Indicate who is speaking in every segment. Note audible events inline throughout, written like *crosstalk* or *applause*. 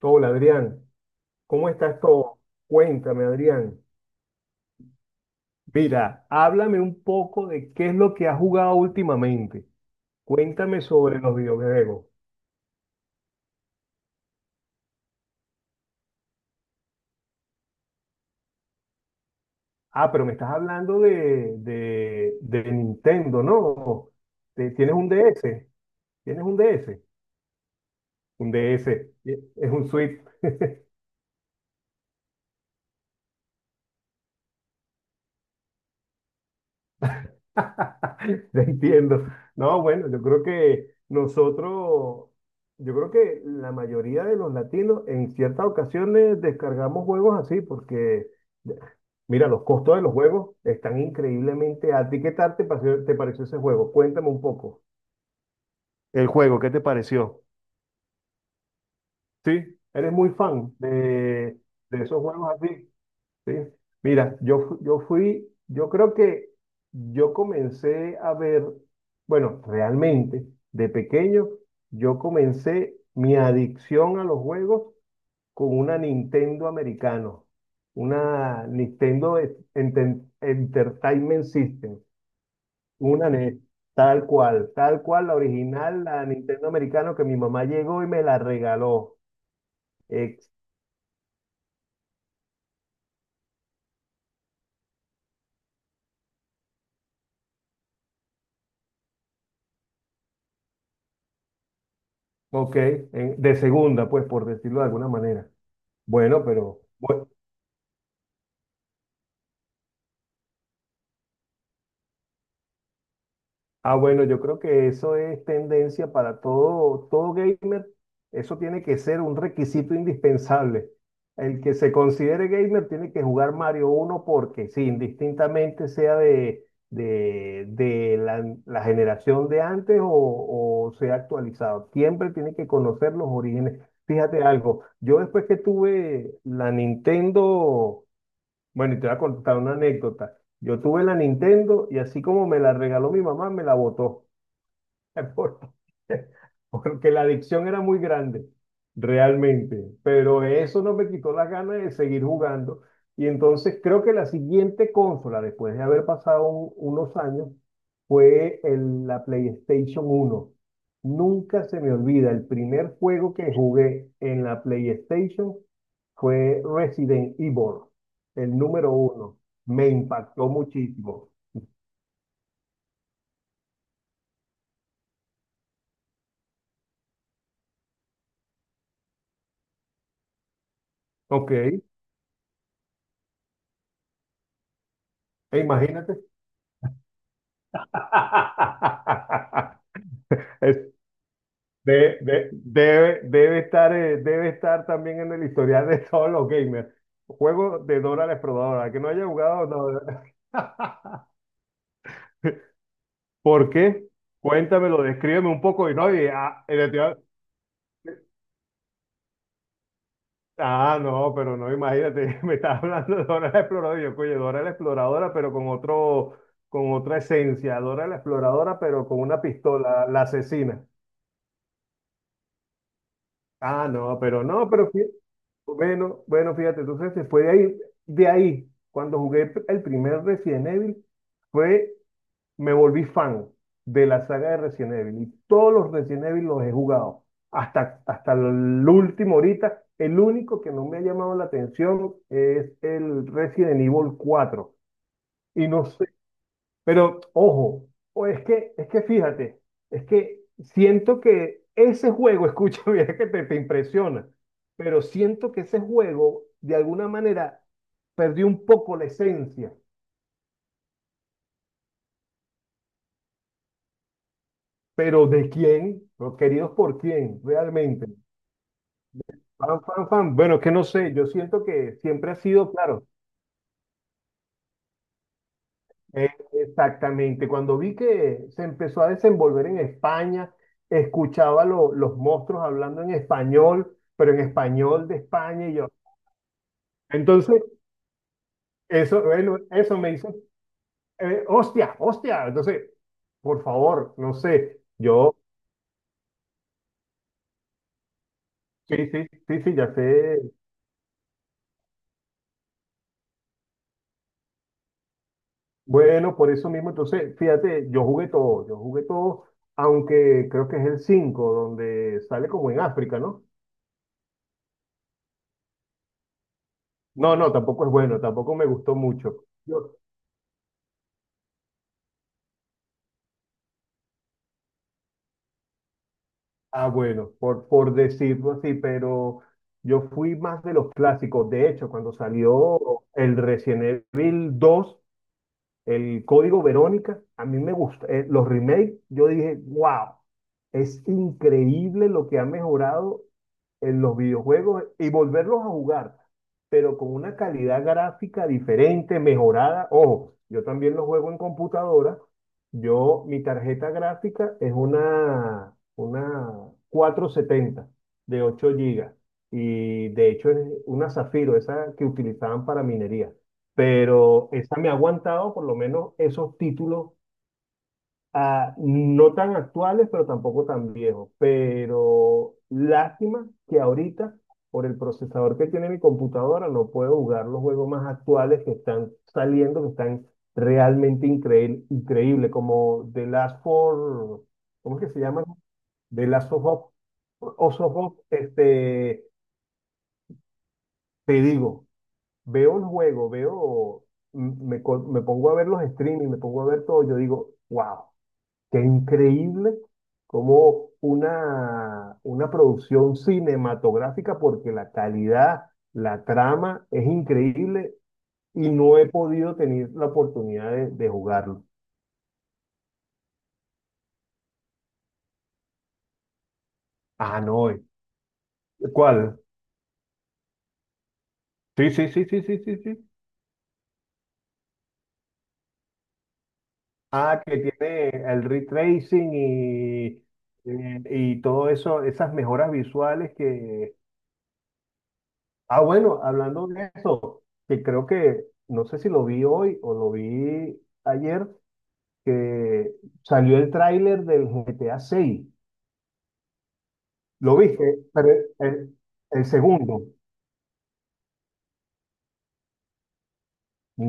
Speaker 1: Hola Adrián, ¿cómo estás todo? Cuéntame Adrián. Mira, háblame un poco de qué es lo que has jugado últimamente. Cuéntame sobre los videojuegos. Ah, pero me estás hablando de Nintendo, ¿no? ¿Tienes un DS? ¿Tienes un DS? Un DS. Es un Switch. *laughs* Te entiendo. No, bueno, yo creo que nosotros, yo creo que la mayoría de los latinos en ciertas ocasiones descargamos juegos así porque, mira, los costos de los juegos están increíblemente altos. ¿Y qué tal te pareció ese juego? Cuéntame un poco. El juego, ¿qué te pareció? Sí, eres muy fan de esos juegos así. Sí. Mira, yo, yo fui, yo creo que yo comencé a ver, bueno, realmente, de pequeño, yo comencé mi adicción a los juegos con una Nintendo americano, una Nintendo Entertainment System, una NES, tal cual, la original, la Nintendo americano que mi mamá llegó y me la regaló, ex, ok, de segunda, pues, por decirlo de alguna manera. Bueno, pero bueno, ah, bueno, yo creo que eso es tendencia para todo, todo gamer. Eso tiene que ser un requisito indispensable. El que se considere gamer tiene que jugar Mario uno porque sí, indistintamente sea de la, la generación de antes o sea actualizado. Siempre tiene que conocer los orígenes. Fíjate algo, yo después que tuve la Nintendo. Bueno, y te voy a contar una anécdota. Yo tuve la Nintendo y así como me la regaló mi mamá, me la botó. *laughs* por- porque la adicción era muy grande, realmente. Pero eso no me quitó las ganas de seguir jugando. Y entonces creo que la siguiente consola, después de haber pasado unos años, fue la PlayStation uno. Nunca se me olvida, el primer juego que jugué en la PlayStation fue Resident Evil, el número uno. Me impactó muchísimo. Ok, imagínate. *laughs* Es- Debe, debe estar también en el historial de todos los gamers. Juego de Dora la Exploradora. Que no haya jugado, no. *laughs* ¿Por qué? Cuéntamelo, descríbeme un poco. Y no, y, ah, ah, no, pero no, imagínate, *laughs* me estás hablando de Dora la Exploradora. Y yo, coño, Dora la Exploradora, pero con otro, con otra esencia. Dora la Exploradora, pero con una pistola, la asesina. Ah, no, pero no, bueno, bueno, fíjate, entonces se fue de ahí, cuando jugué el primer Resident Evil, fue, me volví fan de la saga de Resident Evil y todos los Resident Evil los he jugado, hasta, hasta el último ahorita, el único que no me ha llamado la atención es el Resident Evil cuatro y no sé, pero ojo, o es que fíjate, es que siento que ese juego, *laughs* escucha, mira que te impresiona, pero siento que ese juego de alguna manera perdió un poco la esencia. Pero ¿de quién? Los queridos por quién, realmente. Fan, fan, fan. Bueno, es que no sé, yo siento que siempre ha sido, claro. Exactamente, cuando vi que se empezó a desenvolver en España, escuchaba los monstruos hablando en español, pero en español de España y yo. Entonces, eso, bueno, eso me hizo, hostia, hostia. Entonces, por favor, no sé, yo, sí, sí, sí, sí, ya sé. Bueno, por eso mismo, entonces, fíjate, yo jugué todo, aunque creo que es el 5 donde sale como en África, ¿no? No, no, tampoco es bueno, tampoco me gustó mucho. Yo, ah, bueno, por decirlo así, pero yo fui más de los clásicos. De hecho, cuando salió el Resident Evil dos, el Código Verónica, a mí me gusta. Los remakes, yo dije, wow, es increíble lo que ha mejorado en los videojuegos y volverlos a jugar, pero con una calidad gráfica diferente, mejorada. Ojo, yo también los juego en computadora. Yo, mi tarjeta gráfica es una 470 de 8 gigas y de hecho es una Zafiro, esa que utilizaban para minería, pero esa me ha aguantado por lo menos esos títulos, ah, no tan actuales, pero tampoco tan viejos. Pero lástima que ahorita, por el procesador que tiene mi computadora, no puedo jugar los juegos más actuales que están saliendo, que están realmente increíble, increíble, como The Last for, ¿cómo es que se llama? The Last of Us, Us of Us, este, te digo. Veo el juego, veo, me pongo a ver los streaming, me pongo a ver todo, yo digo, wow, qué increíble, como una producción cinematográfica, porque la calidad, la trama es increíble y no he podido tener la oportunidad de jugarlo. Ah, no, ¿cuál? Sí, sí, sí, sí, sí, sí, sí. Ah, que tiene el retracing y todo eso, esas mejoras visuales que ah, bueno, hablando de eso, que creo que, no sé si lo vi hoy o lo vi ayer, que salió el tráiler del GTA 6. ¿Lo viste? Pero el, el segundo.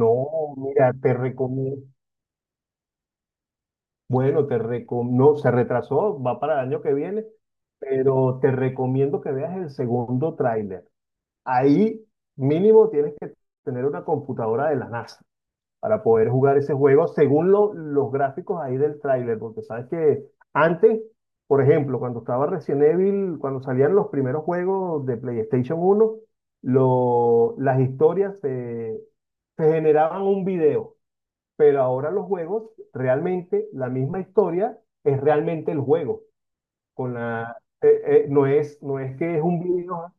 Speaker 1: No, mira, te recomiendo. Bueno, te recomiendo. Se retrasó, va para el año que viene, pero te recomiendo que veas el segundo tráiler. Ahí mínimo tienes que tener una computadora de la NASA para poder jugar ese juego según los gráficos ahí del tráiler, porque sabes que antes, por ejemplo, cuando estaba Resident Evil, cuando salían los primeros juegos de PlayStation uno, las historias se, se generaban un video, pero ahora los juegos, realmente la misma historia es realmente el juego, con la, no es, no es que es un video.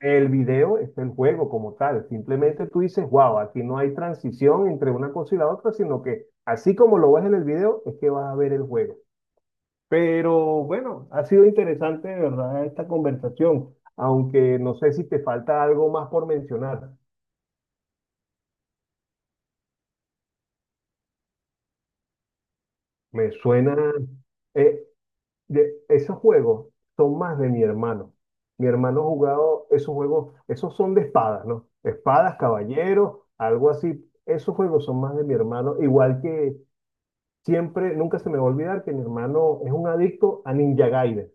Speaker 1: El video es el juego como tal. Simplemente tú dices, wow, aquí no hay transición entre una cosa y la otra, sino que así como lo ves en el video, es que vas a ver el juego. Pero bueno, ha sido interesante, de verdad, esta conversación. Aunque no sé si te falta algo más por mencionar. Me suena, eh, esos juegos son más de mi hermano. Mi hermano ha jugado esos juegos, esos son de espadas, ¿no? Espadas, caballeros, algo así. Esos juegos son más de mi hermano, igual que siempre, nunca se me va a olvidar que mi hermano es un adicto a Ninja Gaiden.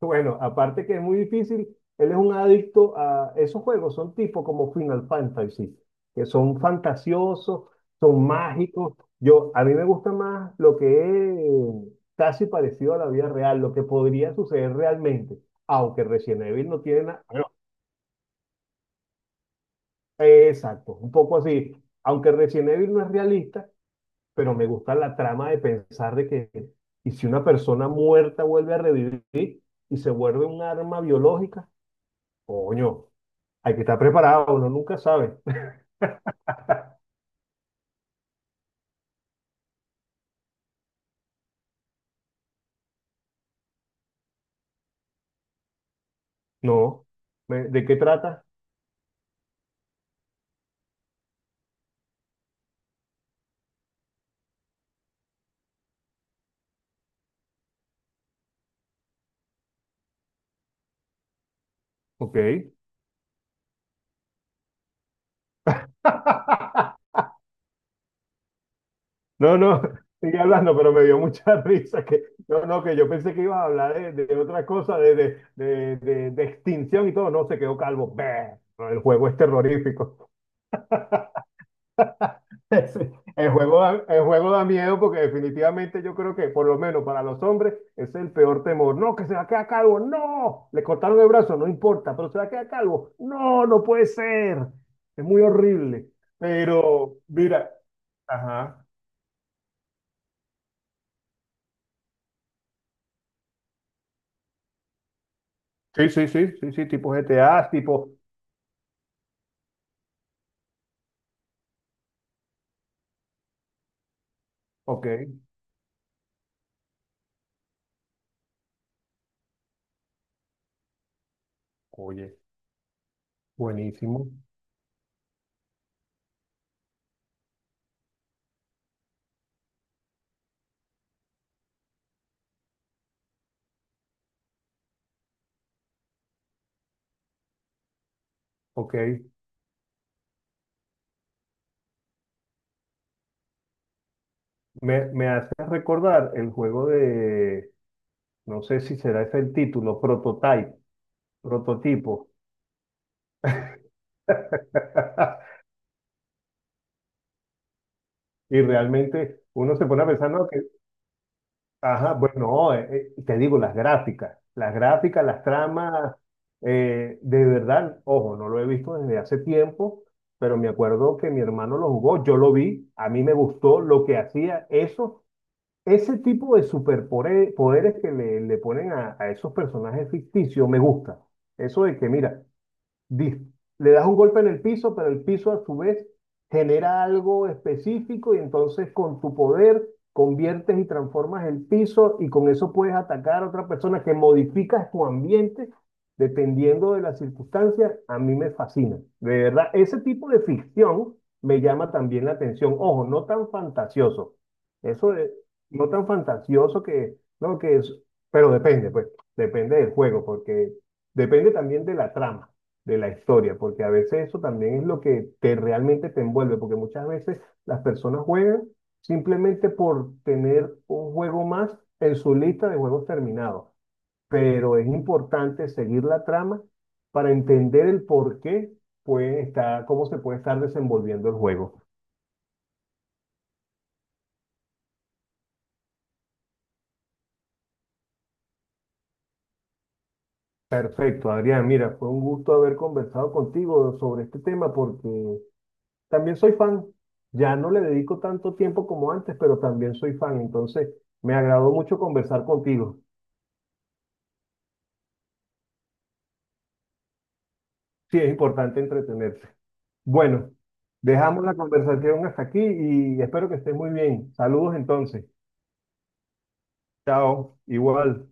Speaker 1: Bueno, aparte que es muy difícil, él es un adicto a esos juegos, son tipo como Final Fantasy, que son fantasiosos, son mágicos. Yo, a mí me gusta más lo que es casi parecido a la vida real, lo que podría suceder realmente, aunque Resident Evil no tiene nada. Bueno, exacto, un poco así. Aunque Resident Evil no es realista, pero me gusta la trama de pensar de que, y si una persona muerta vuelve a revivir y se vuelve un arma biológica, coño, hay que estar preparado, uno nunca sabe. *laughs* No, ¿de qué trata? Ok. *laughs* No, no, sigue hablando, pero me dio mucha *laughs* risa que, no, no, que yo pensé que ibas a hablar de otra cosa, de extinción y todo, no, se quedó calvo. Bah, el juego es terrorífico. *laughs* Sí, el juego da, el juego da miedo porque definitivamente yo creo que por lo menos para los hombres es el peor temor. No, que se va a quedar calvo. No, le cortaron el brazo, no importa, pero se va a quedar calvo. No, no puede ser. Es muy horrible. Pero mira, ajá. Sí, sí, sí, sí, sí, tipo GTA, tipo, ok, oye, buenísimo. Ok, me hace recordar el juego de, no sé si será ese el título, Prototype, prototipo. *laughs* Y realmente uno se pone a pensar, no, que, ajá, bueno, te digo, las gráficas, las gráficas, las tramas, de verdad, ojo, no lo he visto desde hace tiempo, pero me acuerdo que mi hermano lo jugó, yo lo vi, a mí me gustó lo que hacía eso, ese tipo de superpoderes que le ponen a esos personajes ficticios, me gusta. Eso de que, mira, dis- le das un golpe en el piso, pero el piso a su vez genera algo específico y entonces con tu poder conviertes y transformas el piso y con eso puedes atacar a otra persona, que modificas tu ambiente dependiendo de las circunstancias. A mí me fascina. De verdad, ese tipo de ficción me llama también la atención. Ojo, no tan fantasioso. Eso es, no tan fantasioso que, no, que es, pero depende, pues, depende del juego, porque depende también de la trama de la historia, porque a veces eso también es lo que te realmente te envuelve, porque muchas veces las personas juegan simplemente por tener un juego más en su lista de juegos terminados, pero es importante seguir la trama para entender el por qué puede estar, cómo se puede estar desenvolviendo el juego. Perfecto, Adrián, mira, fue un gusto haber conversado contigo sobre este tema porque también soy fan. Ya no le dedico tanto tiempo como antes, pero también soy fan. Entonces, me agradó mucho conversar contigo. Sí, es importante entretenerse. Bueno, dejamos la conversación hasta aquí y espero que estés muy bien. Saludos entonces. Chao. Igual.